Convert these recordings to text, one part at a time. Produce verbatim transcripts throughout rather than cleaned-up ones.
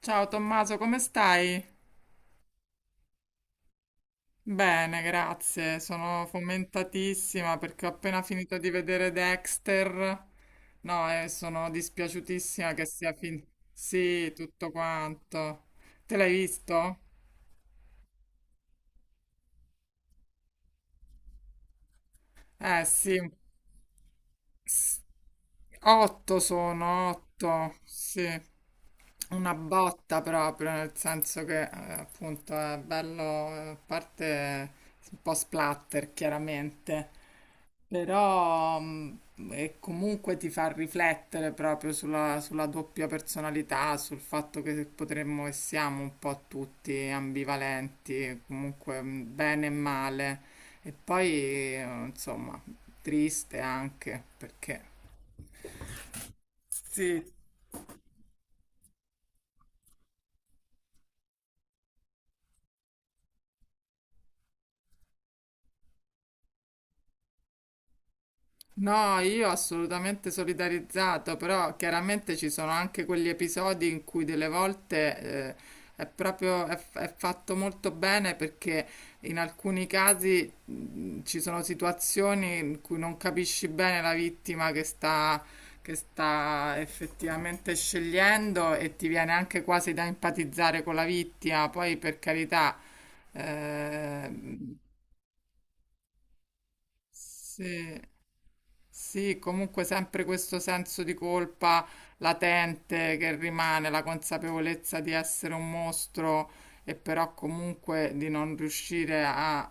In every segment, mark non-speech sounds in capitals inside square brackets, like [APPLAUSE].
Ciao Tommaso, come stai? Bene, grazie. Sono fomentatissima perché ho appena finito di vedere Dexter. No, e sono dispiaciutissima che sia finito. Sì, tutto quanto. Te l'hai visto? Eh sì, S- otto sono, otto, sì. Una botta proprio, nel senso che eh, appunto è bello, eh, a parte un po' splatter chiaramente, Però mh, e comunque ti fa riflettere proprio sulla, sulla doppia personalità, sul fatto che potremmo e siamo un po' tutti ambivalenti, comunque mh, bene e male. E poi, eh, insomma, triste anche perché. Sì, no, io assolutamente solidarizzato, però chiaramente ci sono anche quegli episodi in cui delle volte eh, è proprio è, f- è fatto molto bene perché in alcuni casi mh, ci sono situazioni in cui non capisci bene la vittima che sta, che sta effettivamente scegliendo e ti viene anche quasi da empatizzare con la vittima, poi per carità. Eh, sì, sì, comunque sempre questo senso di colpa latente che rimane, la consapevolezza di essere un mostro e però comunque di non riuscire a,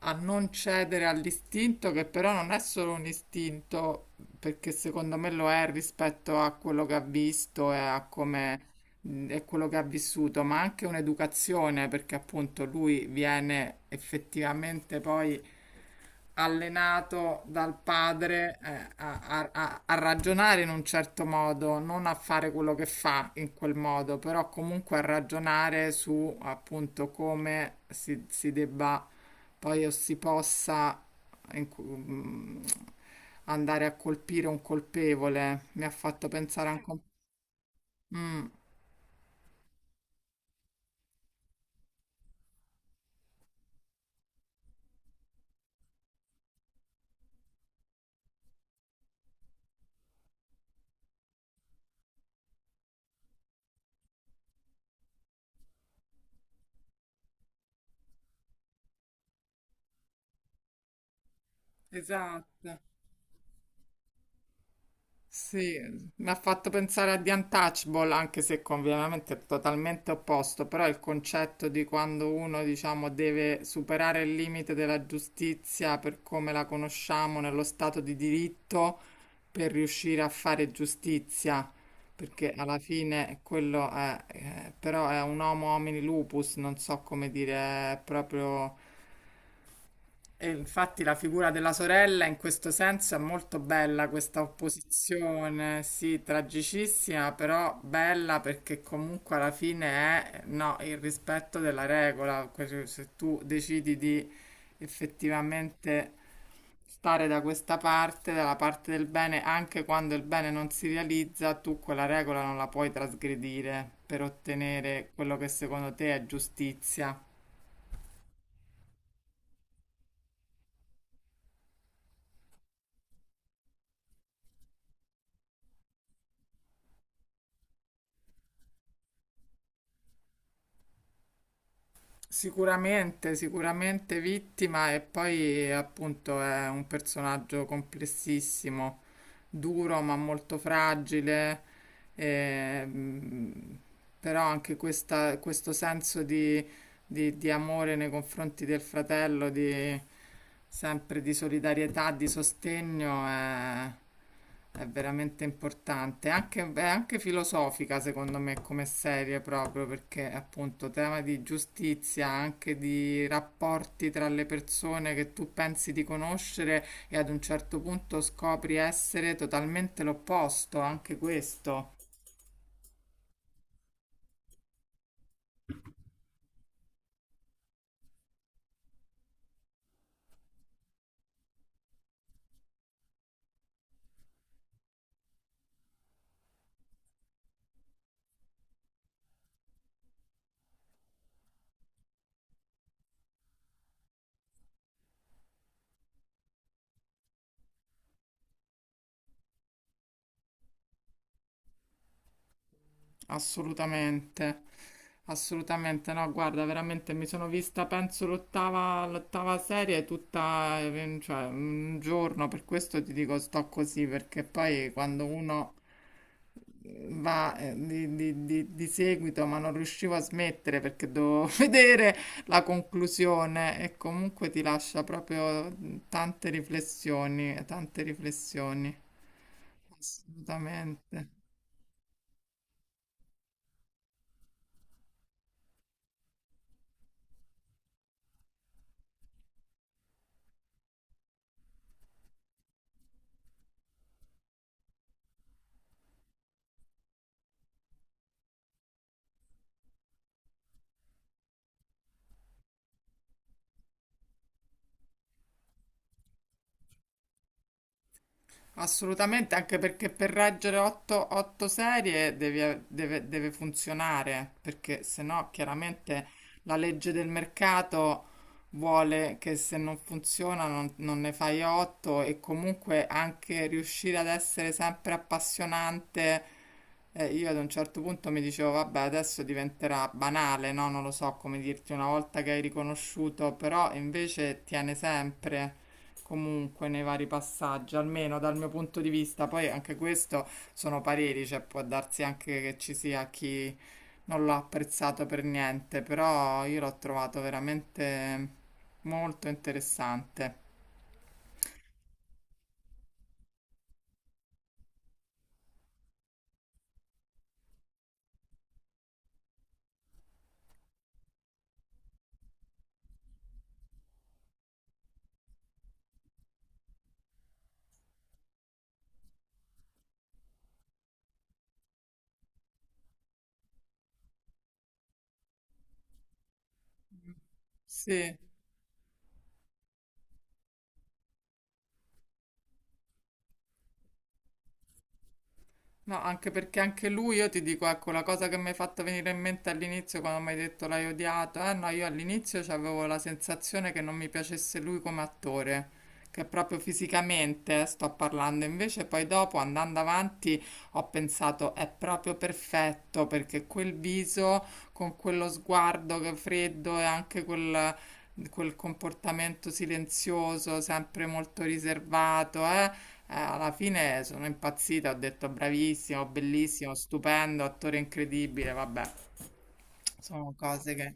a non cedere all'istinto, che però non è solo un istinto, perché secondo me lo è rispetto a quello che ha visto e a come e quello che ha vissuto, ma anche un'educazione, perché appunto lui viene effettivamente poi allenato dal padre eh, a, a- a ragionare in un certo modo, non a fare quello che fa in quel modo, però comunque a ragionare su appunto come si, si debba poi o si possa in cu- mm, andare a colpire un colpevole. Mi ha fatto pensare anche un po'. Mm, esatto. Sì, mi ha fatto pensare a The Untouchable, anche se ovviamente è totalmente opposto, però il concetto di quando uno, diciamo, deve superare il limite della giustizia per come la conosciamo nello stato di diritto per riuscire a fare giustizia, perché alla fine quello è, eh, però è un homo homini lupus, non so come dire, è proprio e infatti la figura della sorella in questo senso è molto bella, questa opposizione, sì, tragicissima, però bella perché comunque alla fine è, no, il rispetto della regola, que- se tu decidi di effettivamente stare da questa parte, dalla parte del bene, anche quando il bene non si realizza, tu quella regola non la puoi trasgredire per ottenere quello che secondo te è giustizia. Sicuramente, sicuramente vittima e poi appunto è un personaggio complessissimo duro ma molto fragile, ehm, però anche questa- questo senso di, di- di amore nei confronti del fratello, di, sempre di solidarietà, di sostegno, è, è veramente importante. Anche- è anche filosofica, secondo me, come serie proprio, perché appunto tema di giustizia, anche di rapporti tra le persone che tu pensi di conoscere e ad un certo punto scopri essere totalmente l'opposto, anche questo, assolutamente. Assolutamente no, guarda, veramente mi sono vista, penso, l'ottava, l'ottava serie tutta, eh, cioè, un giorno, per questo ti dico sto così, perché poi quando uno va eh, di, di- di- di seguito, ma non riuscivo a smettere perché dovevo [LAUGHS] vedere la conclusione e comunque ti lascia proprio tante riflessioni, tante riflessioni. Assolutamente, assolutamente, anche perché per reggere otto otto serie devi- deve, deve funzionare, perché se no chiaramente la legge del mercato vuole che se non funziona non, non ne fai otto e comunque anche riuscire ad essere sempre appassionante. Eh, io ad un certo punto mi dicevo, vabbè, adesso diventerà banale, no? Non lo so come dirti una volta che hai riconosciuto, però invece tiene sempre comunque nei vari passaggi, almeno dal mio punto di vista. Poi anche questo sono pareri, cioè può darsi anche che ci sia chi non l'ha apprezzato per niente, però io l'ho trovato veramente molto interessante. Sì, no, anche perché anche lui, io ti dico, ecco, la cosa che mi hai fatto venire in mente all'inizio quando mi hai detto l'hai odiato, eh no, io all'inizio avevo la sensazione che non mi piacesse lui come attore, che proprio fisicamente eh, sto parlando, invece poi dopo andando avanti ho pensato è proprio perfetto perché quel viso con quello sguardo che è freddo e anche quel... quel comportamento silenzioso, sempre molto riservato, eh, eh, alla fine sono impazzita, ho detto bravissimo, bellissimo, stupendo, attore incredibile, vabbè, sono cose che...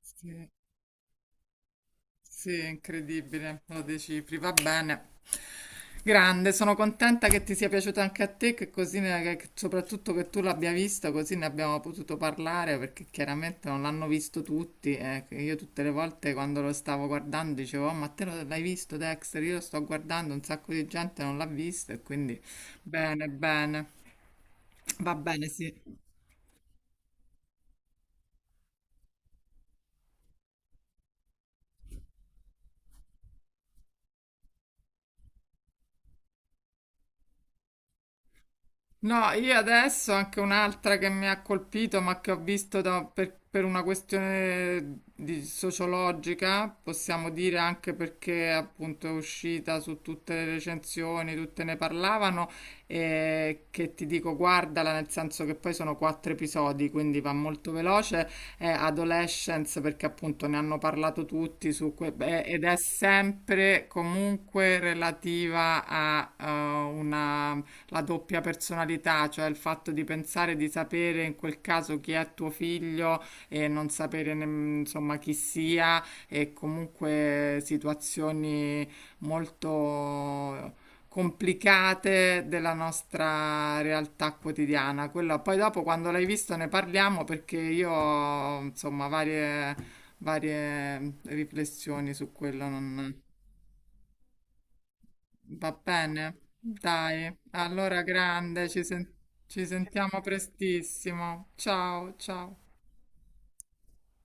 Sì, sì, incredibile, lo decifri, va bene. Grande, sono contenta che ti sia piaciuto anche a te, che così ne- che- che- soprattutto che tu l'abbia visto, così ne abbiamo potuto parlare, perché chiaramente non l'hanno visto tutti. Eh, che io tutte le volte quando lo stavo guardando dicevo, "Oh, ma te lo- l'hai visto Dexter? Io lo sto guardando, un sacco di gente non l'ha visto e quindi bene, bene. Va bene, sì. No, io adesso anche un'altra che mi ha colpito, ma che ho visto da- per, per una questione di sociologica, possiamo dire anche perché appunto è uscita su tutte le recensioni, tutte ne parlavano, e che ti dico guardala, nel senso che poi sono quattro episodi, quindi va molto veloce, è Adolescence perché appunto ne hanno parlato tutti su que- beh, ed è sempre comunque relativa a eh, una la doppia personalità, cioè il fatto di pensare di sapere in quel caso chi è tuo figlio e non sapere nemm- insomma chi sia e comunque situazioni molto complicate della nostra realtà quotidiana. Quello, poi dopo quando l'hai visto ne parliamo perché io ho, insomma varie, varie riflessioni su quello non va bene, dai, allora grande, ci sen- ci sentiamo prestissimo. Ciao, ciao.